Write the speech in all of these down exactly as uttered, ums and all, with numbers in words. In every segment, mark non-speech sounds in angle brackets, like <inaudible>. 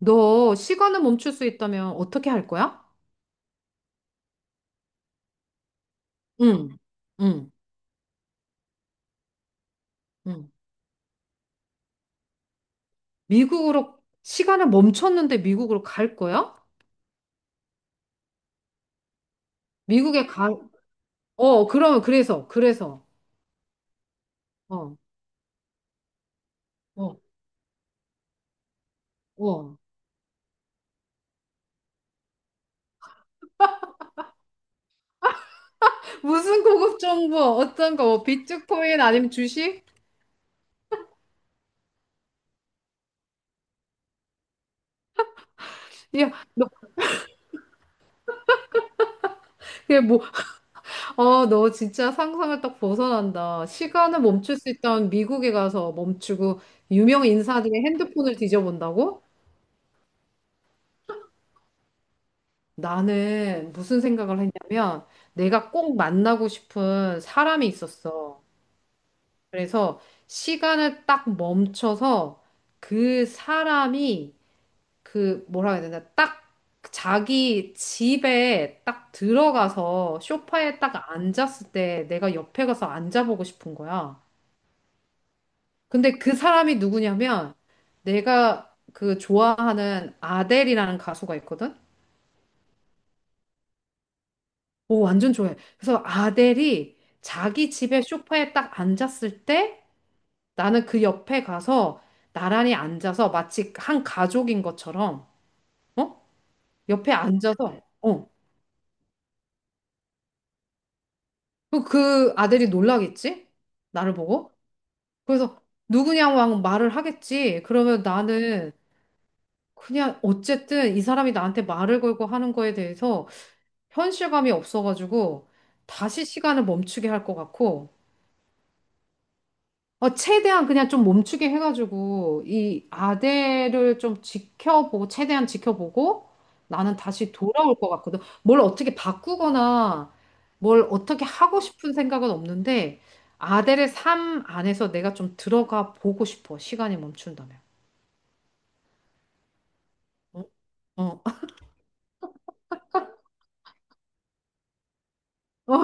너 시간을 멈출 수 있다면 어떻게 할 거야? 응, 응, 응. 미국으로, 시간을 멈췄는데 미국으로 갈 거야? 미국에 가, 어, 그러면, 그래서, 그래서, 어, 어, 어. <laughs> 무슨 고급 정보, 어떤 거, 뭐 비트코인 아니면 주식? 야, 너, 그게 뭐, 어, 너 진짜 상상을 딱 벗어난다. 시간을 멈출 수 있다면 미국에 가서 멈추고, 유명 인사들의 핸드폰을 뒤져본다고? 나는 무슨 생각을 했냐면 내가 꼭 만나고 싶은 사람이 있었어. 그래서 시간을 딱 멈춰서 그 사람이, 그 뭐라 해야 되나, 딱 자기 집에 딱 들어가서 소파에 딱 앉았을 때 내가 옆에 가서 앉아보고 싶은 거야. 근데 그 사람이 누구냐면 내가 그 좋아하는 아델이라는 가수가 있거든. 오, 완전 좋아해. 그래서 아델이 자기 집에 소파에 딱 앉았을 때 나는 그 옆에 가서 나란히 앉아서 마치 한 가족인 것처럼, 어? 옆에 앉아서, 어. 그그 아델이 놀라겠지? 나를 보고. 그래서 누구냐고 하고 말을 하겠지. 그러면 나는 그냥 어쨌든 이 사람이 나한테 말을 걸고 하는 거에 대해서 현실감이 없어가지고 다시 시간을 멈추게 할 것 같고, 어, 최대한 그냥 좀 멈추게 해가지고, 이 아대를 좀 지켜보고, 최대한 지켜보고, 나는 다시 돌아올 것 같거든. 뭘 어떻게 바꾸거나, 뭘 어떻게 하고 싶은 생각은 없는데, 아델의 삶 안에서 내가 좀 들어가 보고 싶어. 시간이 멈춘다면. 어, 어, <laughs> 어,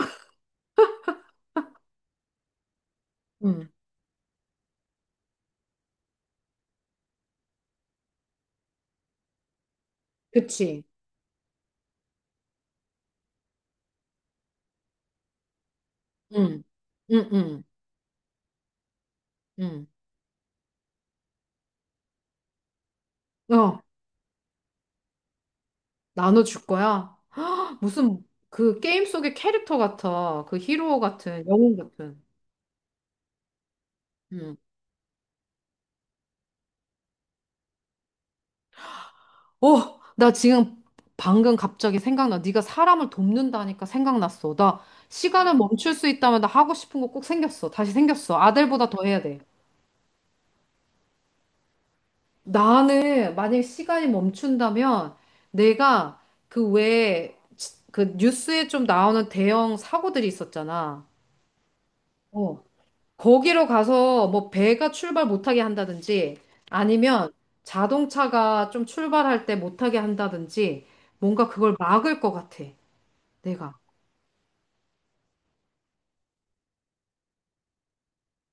응, 그치. 응, 응, 응, 응. 어, 나눠줄 거야. 무슨 그 게임 속의 캐릭터 같아. 그 히로 같은, 영웅 같은. 응. 어, 나 지금 방금 갑자기 생각나. 네가 사람을 돕는다니까 생각났어. 나 시간을 멈출 수 있다면 나 하고 싶은 거 꼭 생겼어. 다시 생겼어. 아들보다 더 해야 돼. 나는 만약에 시간이 멈춘다면 내가, 그 외에 지- 그 뉴스에 좀 나오는 대형 사고들이 있었잖아. 어. 거기로 가서 뭐 배가 출발 못하게 한다든지 아니면 자동차가 좀 출발할 때 못하게 한다든지 뭔가 그걸 막을 것 같아. 내가.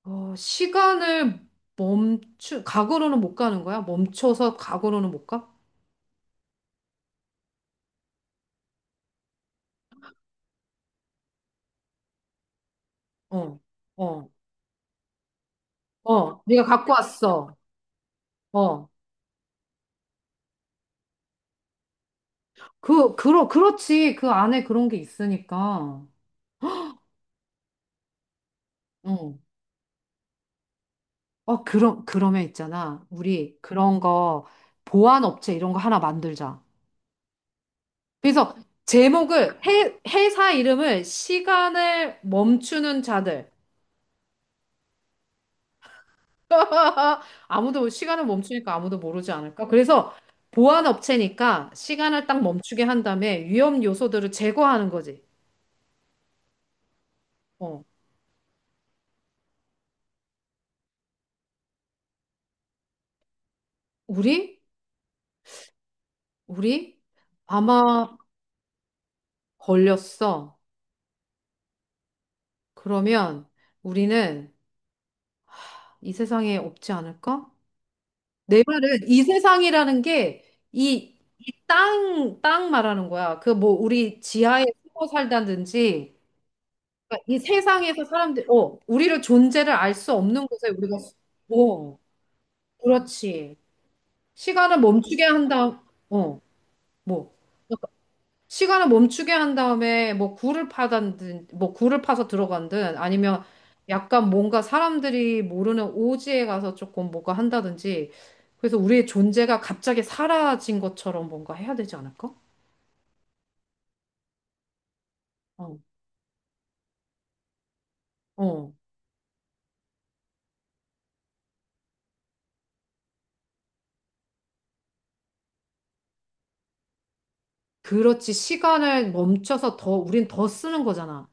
어, 시간을 멈추, 과거로는 못 가는 거야? 멈춰서 과거로는 못 가? 어, 어, 어, 네가 갖고 왔어. 어, 그, 그러, 그렇지. 그 안에 그런 게 있으니까. 어, 어, 그럼, 그러면 있잖아. 우리 그런 거, 보안 업체 이런 거 하나 만들자. 그래서 제목을, 회, 회사 이름을 시간을 멈추는 자들. 아무도 시간을 멈추니까 아무도 모르지 않을까? 그래서 보안 업체니까 시간을 딱 멈추게 한 다음에 위험 요소들을 제거하는 거지. 어, 우리? 우리? 아마 걸렸어. 그러면 우리는 이 세상에 없지 않을까? 내 말은 이 세상이라는 게, 이, 이 땅, 땅 말하는 거야. 그 뭐 우리 지하에 숨어 살다든지 그러니까 이 세상에서 사람들, 이 어, 우리를, 존재를 알 수 없는 곳에 우리가. 어, 그렇지. 시간을 멈추게 한 다음, 어, 뭐. 시간을 멈추게 한 다음에 뭐 굴을 파든, 뭐 굴을 파서 들어간든 아니면 약간 뭔가 사람들이 모르는 오지에 가서 조금 뭐가 한다든지, 그래서 우리의 존재가 갑자기 사라진 것처럼 뭔가 해야 되지 않을까? 어, 어. 그렇지. 시간을 멈춰서 더, 우린 더 쓰는 거잖아.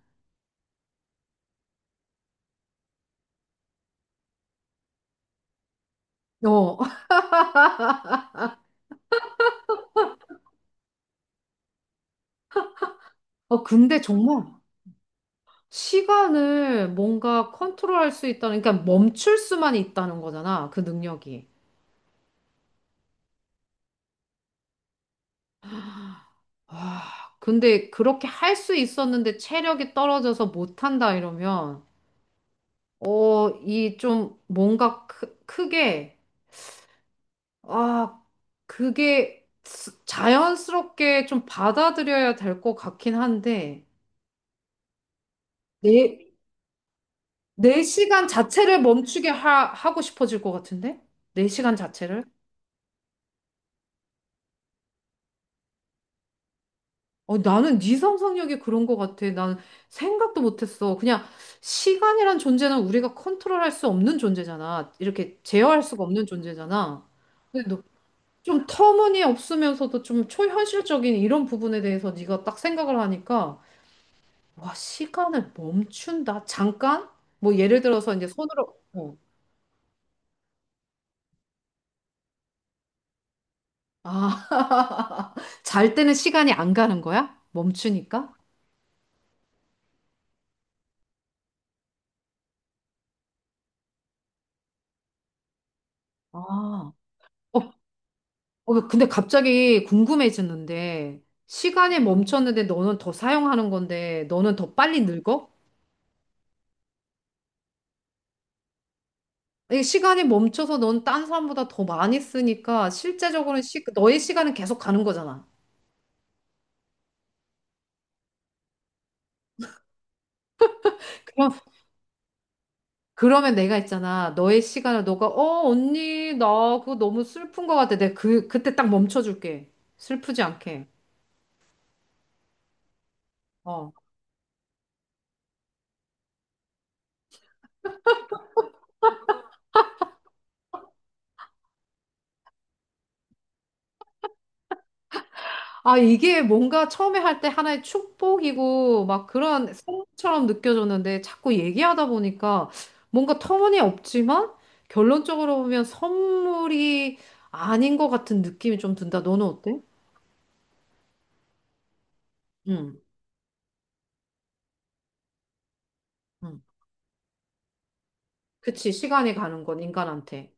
어, <laughs> 어, 근데 정말 시간을 뭔가 컨트롤할 수 있다는, 그러니까 멈출 수만 있다는 거잖아, 그 능력이. 와, 근데 그렇게 할 수 있었는데 체력이 떨어져서 못한다 이러면, 어, 이 좀 뭔가 크, 크게. 아, 그게 스- 자연스럽게 좀 받아들여야 될 것 같긴 한데, 내, 내 시간 자체를 멈추게 하, 하고 싶어질 것 같은데? 내 시간 자체를? 어, 나는 네 상상력이 그런 것 같아. 난 생각도 못했어. 그냥 시간이란 존재는 우리가 컨트롤할 수 없는 존재잖아. 이렇게 제어할 수가 없는 존재잖아. 근데 너 좀 터무니없으면서도 좀 초현실적인 이런 부분에 대해서 네가 딱 생각을 하니까, 와, 시간을 멈춘다. 잠깐? 뭐 예를 들어서 이제 손으로, 어. 아, <laughs> 잘 때는 시간이 안 가는 거야? 멈추니까? 아. 어, 어, 근데 갑자기 궁금해졌는데, 시간이 멈췄는데 너는 더 사용하는 건데, 너는 더 빨리 늙어? 이 시간이 멈춰서 넌 딴 사람보다 더 많이 쓰니까, 실제적으로는, 시, 너의 시간은 계속 가는 거잖아. 그럼, 그러면 내가 있잖아. 너의 시간을 너가, 어, 언니, 나 그거 너무 슬픈 것 같아. 내가 그, 그때 딱 멈춰줄게. 슬프지 않게. 어. 아, 이게 뭔가 처음에 할 때 하나의 축복이고 막 그런 선물처럼 느껴졌는데 자꾸 얘기하다 보니까 뭔가 터무니없지만 결론적으로 보면 선물이 아닌 것 같은 느낌이 좀 든다. 너는 어때? 응, 응. 그치. 시간이 가는 건 인간한테.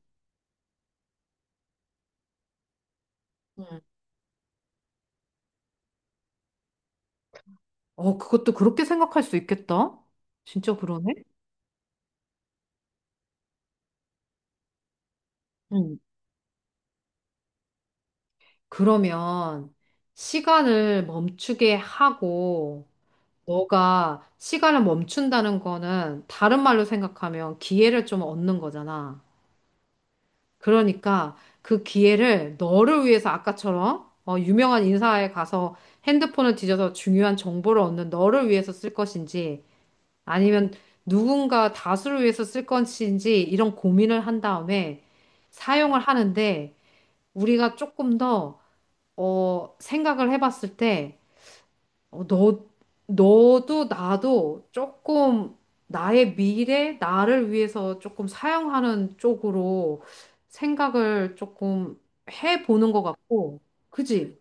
응. 어, 그것도 그렇게 생각할 수 있겠다. 진짜 그러네. 응. 그러면 시간을 멈추게 하고, 너가 시간을 멈춘다는 거는 다른 말로 생각하면 기회를 좀 얻는 거잖아. 그러니까 그 기회를 너를 위해서 아까처럼, 어, 유명한 인사에 가서 핸드폰을 뒤져서 중요한 정보를 얻는 너를 위해서 쓸 것인지, 아니면 누군가 다수를 위해서 쓸 것인지, 이런 고민을 한 다음에 사용을 하는데, 우리가 조금 더 어, 생각을 해봤을 때, 어, 너, 너도 나도 조금 나의 미래, 나를 위해서 조금 사용하는 쪽으로 생각을 조금 해보는 것 같고, 그지?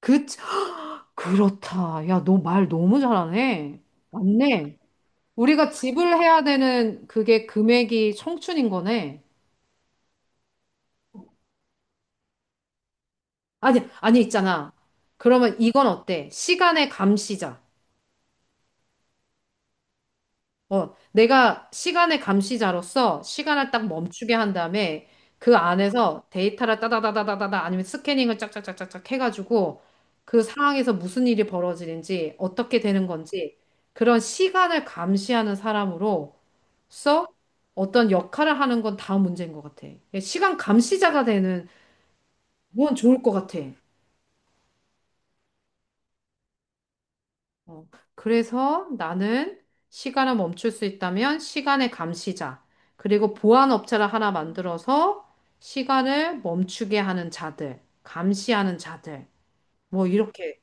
그, 그렇다. 야, 너 말 너무 잘하네. 맞네. 우리가 집을 해야 되는 그게 금액이 청춘인 거네. 아니, 아니, 있잖아. 그러면 이건 어때? 시간의 감시자. 어, 내가 시간의 감시자로서 시간을 딱 멈추게 한 다음에 그 안에서 데이터를 따다다다다다다, 아니면 스캐닝을 짝짝짝짝짝 해가지고, 그 상황에서 무슨 일이 벌어지는지 어떻게 되는 건지, 그런 시간을 감시하는 사람으로서 어떤 역할을 하는 건 다 문제인 것 같아. 시간 감시자가 되는 건 좋을 것 같아. 어, 그래서 나는 시간을 멈출 수 있다면 시간의 감시자, 그리고 보안 업체를 하나 만들어서 시간을 멈추게 하는 자들, 감시하는 자들, 뭐 이렇게,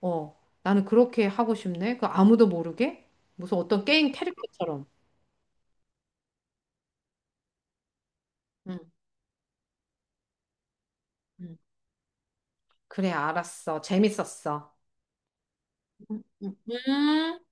어, 나는 그렇게 하고 싶네. 그 아무도 모르게? 무슨 어떤 게임 캐릭터처럼. 응, 응. 그래, 알았어. 재밌었어. 응, 응. 음.